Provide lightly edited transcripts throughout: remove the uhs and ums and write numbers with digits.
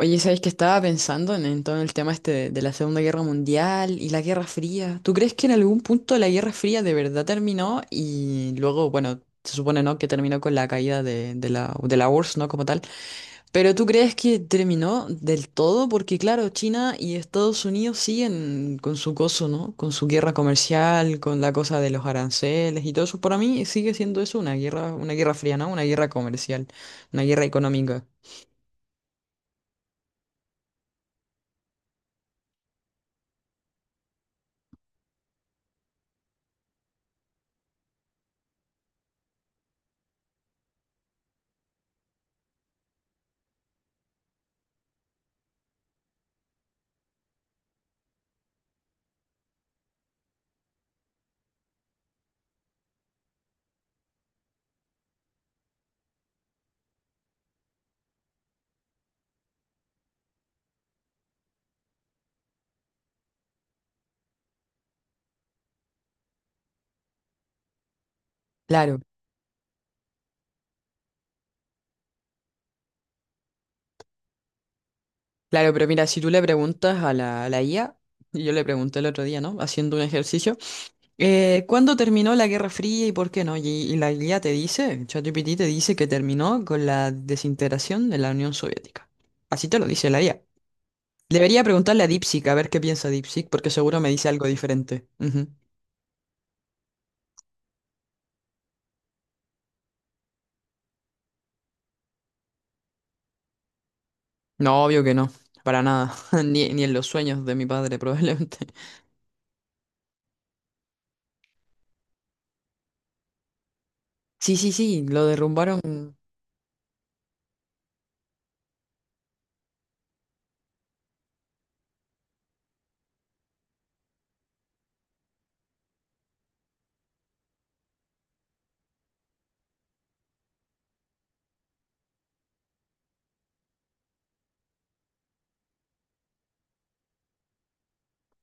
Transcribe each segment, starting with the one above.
Oye, ¿sabes que estaba pensando en todo el tema este de la Segunda Guerra Mundial y la Guerra Fría? ¿Tú crees que en algún punto la Guerra Fría de verdad terminó y luego, bueno, se supone, ¿no?, que terminó con la caída de la URSS, ¿no?, como tal. Pero ¿tú crees que terminó del todo? Porque claro, China y Estados Unidos siguen con su coso, ¿no? Con su guerra comercial, con la cosa de los aranceles y todo eso. Para mí sigue siendo eso una guerra fría, ¿no? Una guerra comercial, una guerra económica. Claro. Claro, pero mira, si tú le preguntas a la IA, y yo le pregunté el otro día, ¿no? Haciendo un ejercicio, ¿cuándo terminó la Guerra Fría y por qué no? Y la IA te dice, ChatGPT te dice que terminó con la desintegración de la Unión Soviética. Así te lo dice la IA. Debería preguntarle a DeepSeek a ver qué piensa DeepSeek, porque seguro me dice algo diferente. Ujú. No, obvio que no, para nada, ni en los sueños de mi padre probablemente. Sí, sí, sí, lo derrumbaron.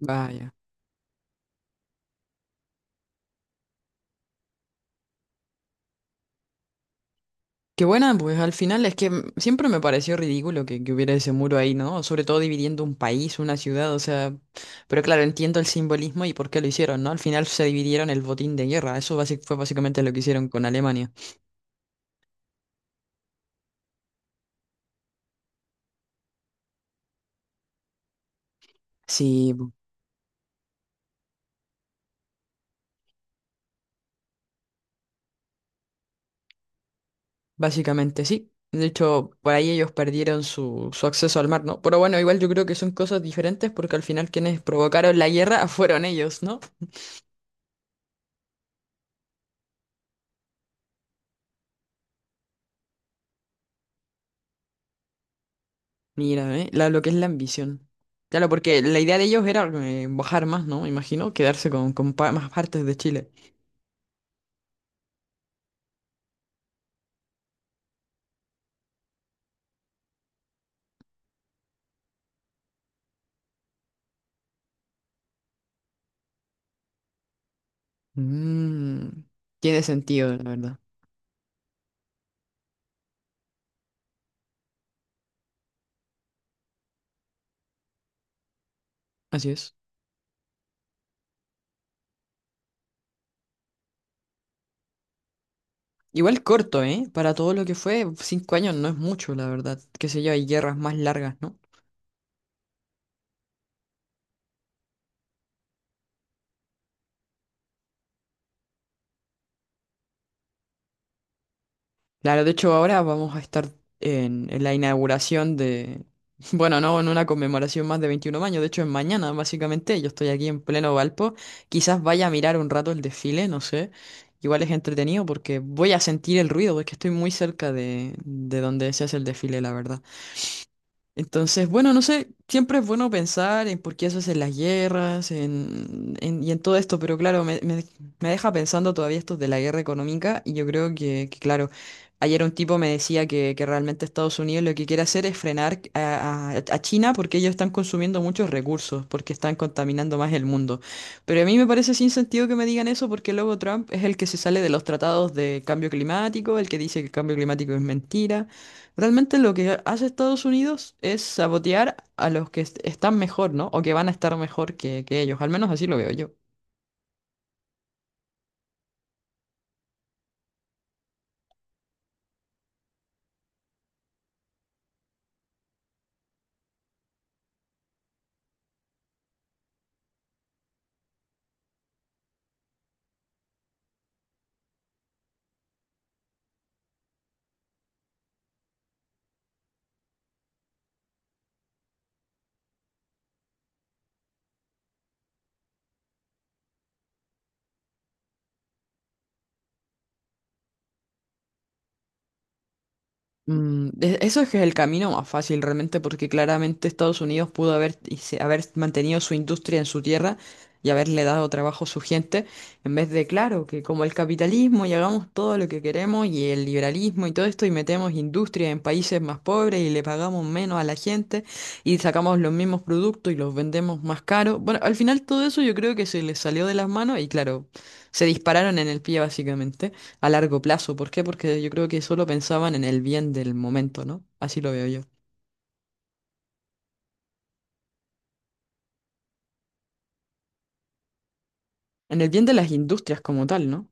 Vaya. Qué buena, pues al final es que siempre me pareció ridículo que hubiera ese muro ahí, ¿no? Sobre todo dividiendo un país, una ciudad, o sea, pero claro, entiendo el simbolismo y por qué lo hicieron, ¿no? Al final se dividieron el botín de guerra, eso fue básicamente lo que hicieron con Alemania. Sí, básicamente sí. De hecho, por ahí ellos perdieron su, su acceso al mar, ¿no? Pero bueno, igual yo creo que son cosas diferentes porque al final quienes provocaron la guerra fueron ellos, ¿no? Mira, ¿eh? Lo que es la ambición. Claro, porque la idea de ellos era bajar más, ¿no? Me imagino, quedarse con más partes de Chile. Mm, tiene sentido, la verdad. Así es. Igual corto, ¿eh? Para todo lo que fue, 5 años no es mucho, la verdad. Qué sé yo, hay guerras más largas, ¿no? Claro, de hecho ahora vamos a estar en la inauguración de, bueno, no, en una conmemoración más de 21 años, de hecho es mañana básicamente, yo estoy aquí en pleno Valpo, quizás vaya a mirar un rato el desfile, no sé, igual es entretenido porque voy a sentir el ruido, porque estoy muy cerca de donde se hace el desfile, la verdad. Entonces, bueno, no sé, siempre es bueno pensar en por qué se hacen las guerras y en todo esto, pero claro, me deja pensando todavía esto de la guerra económica y yo creo claro, ayer un tipo me decía que realmente Estados Unidos lo que quiere hacer es frenar a, a China porque ellos están consumiendo muchos recursos, porque están contaminando más el mundo. Pero a mí me parece sin sentido que me digan eso porque luego Trump es el que se sale de los tratados de cambio climático, el que dice que el cambio climático es mentira. Realmente lo que hace Estados Unidos es sabotear a los que están mejor, ¿no? O que van a estar mejor que ellos. Al menos así lo veo yo. Mm, eso es que es el camino más fácil realmente, porque claramente Estados Unidos pudo haber, y haber mantenido su industria en su tierra y haberle dado trabajo a su gente, en vez de, claro, que como el capitalismo y hagamos todo lo que queremos y el liberalismo y todo esto y metemos industria en países más pobres y le pagamos menos a la gente y sacamos los mismos productos y los vendemos más caros. Bueno, al final todo eso yo creo que se les salió de las manos y claro, se dispararon en el pie básicamente a largo plazo. ¿Por qué? Porque yo creo que solo pensaban en el bien del momento, ¿no? Así lo veo yo. En el bien de las industrias como tal, ¿no?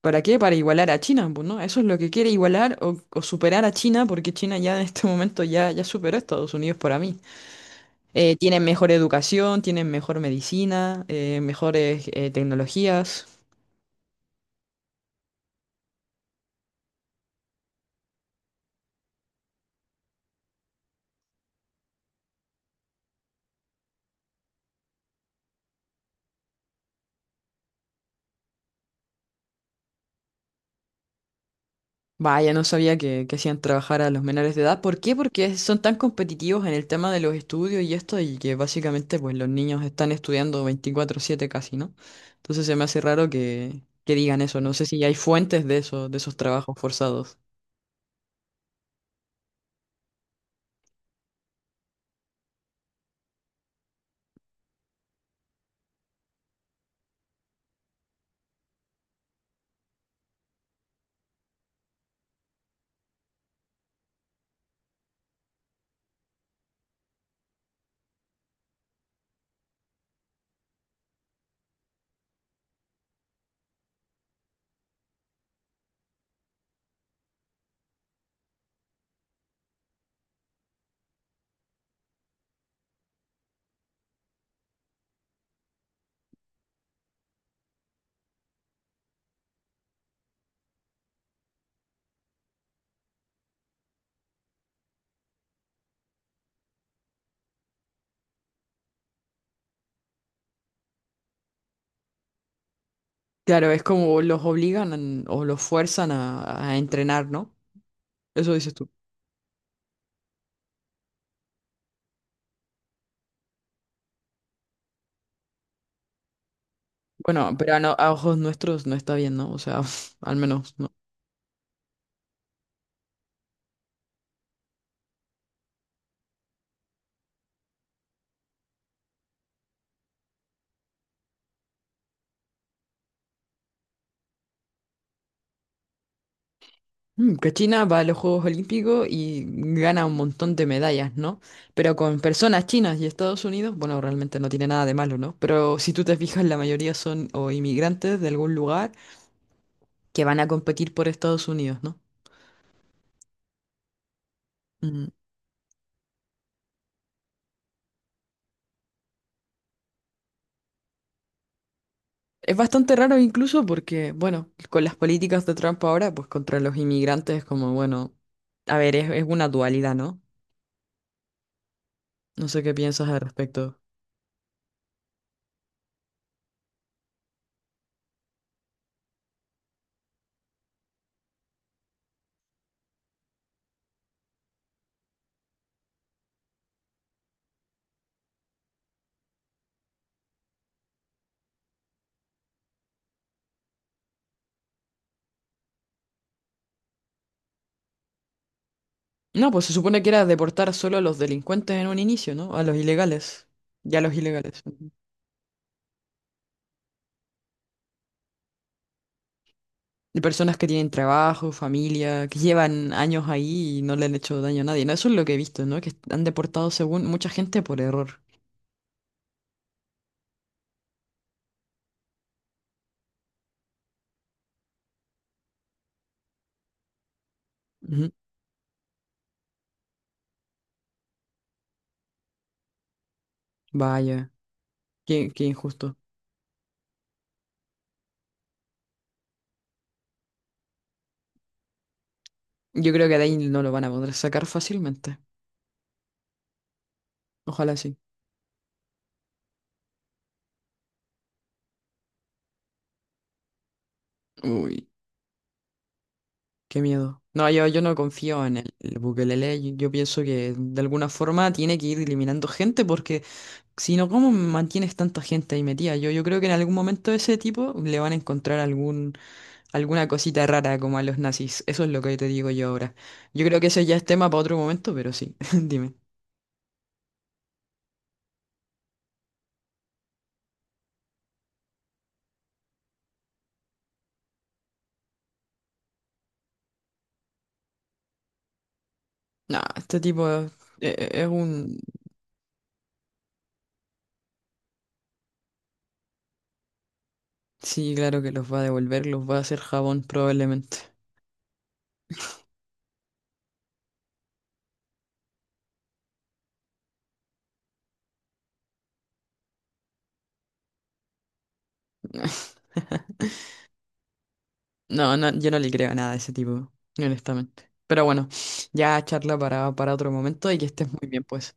¿Para qué? Para igualar a China, pues, ¿no? Eso es lo que quiere igualar o superar a China, porque China ya en este momento ya superó a Estados Unidos para mí. Tienen mejor educación, tienen mejor medicina, mejores tecnologías. Vaya, no sabía que hacían trabajar a los menores de edad. ¿Por qué? Porque son tan competitivos en el tema de los estudios y esto, y que básicamente pues los niños están estudiando 24/7 casi, ¿no? Entonces se me hace raro que digan eso. No sé si hay fuentes de eso, de esos trabajos forzados. Claro, es como los obligan o los fuerzan a entrenar, ¿no? Eso dices tú. Bueno, pero a, a ojos nuestros no está bien, ¿no? O sea, al menos no. Mm, que China va a los Juegos Olímpicos y gana un montón de medallas, ¿no? Pero con personas chinas y Estados Unidos, bueno, realmente no tiene nada de malo, ¿no? Pero si tú te fijas, la mayoría son o inmigrantes de algún lugar que van a competir por Estados Unidos, ¿no? Mm, es bastante raro incluso porque, bueno, con las políticas de Trump ahora, pues contra los inmigrantes es como, bueno, a ver, es una dualidad, ¿no? No sé qué piensas al respecto. No, pues se supone que era deportar solo a los delincuentes en un inicio, ¿no? A los ilegales. Ya a los ilegales. De personas que tienen trabajo, familia, que llevan años ahí y no le han hecho daño a nadie. No, eso es lo que he visto, ¿no? Que han deportado según mucha gente por error. Ujú. Vaya, qué, qué injusto. Yo creo que de ahí no lo van a poder sacar fácilmente. Ojalá sí. Uy, qué miedo. No, yo no confío en el Bukelele. Yo pienso que de alguna forma tiene que ir eliminando gente porque sino, ¿cómo mantienes tanta gente ahí metida? Yo creo que en algún momento ese tipo le van a encontrar algún, alguna cosita rara como a los nazis. Eso es lo que te digo yo ahora. Yo creo que ese ya es tema para otro momento, pero sí, dime. No, este tipo es, es un... Sí, claro que los va a devolver, los va a hacer jabón probablemente. No, no, yo no le creo nada a ese tipo, honestamente. Pero bueno, ya charla para otro momento y que estés muy bien, pues.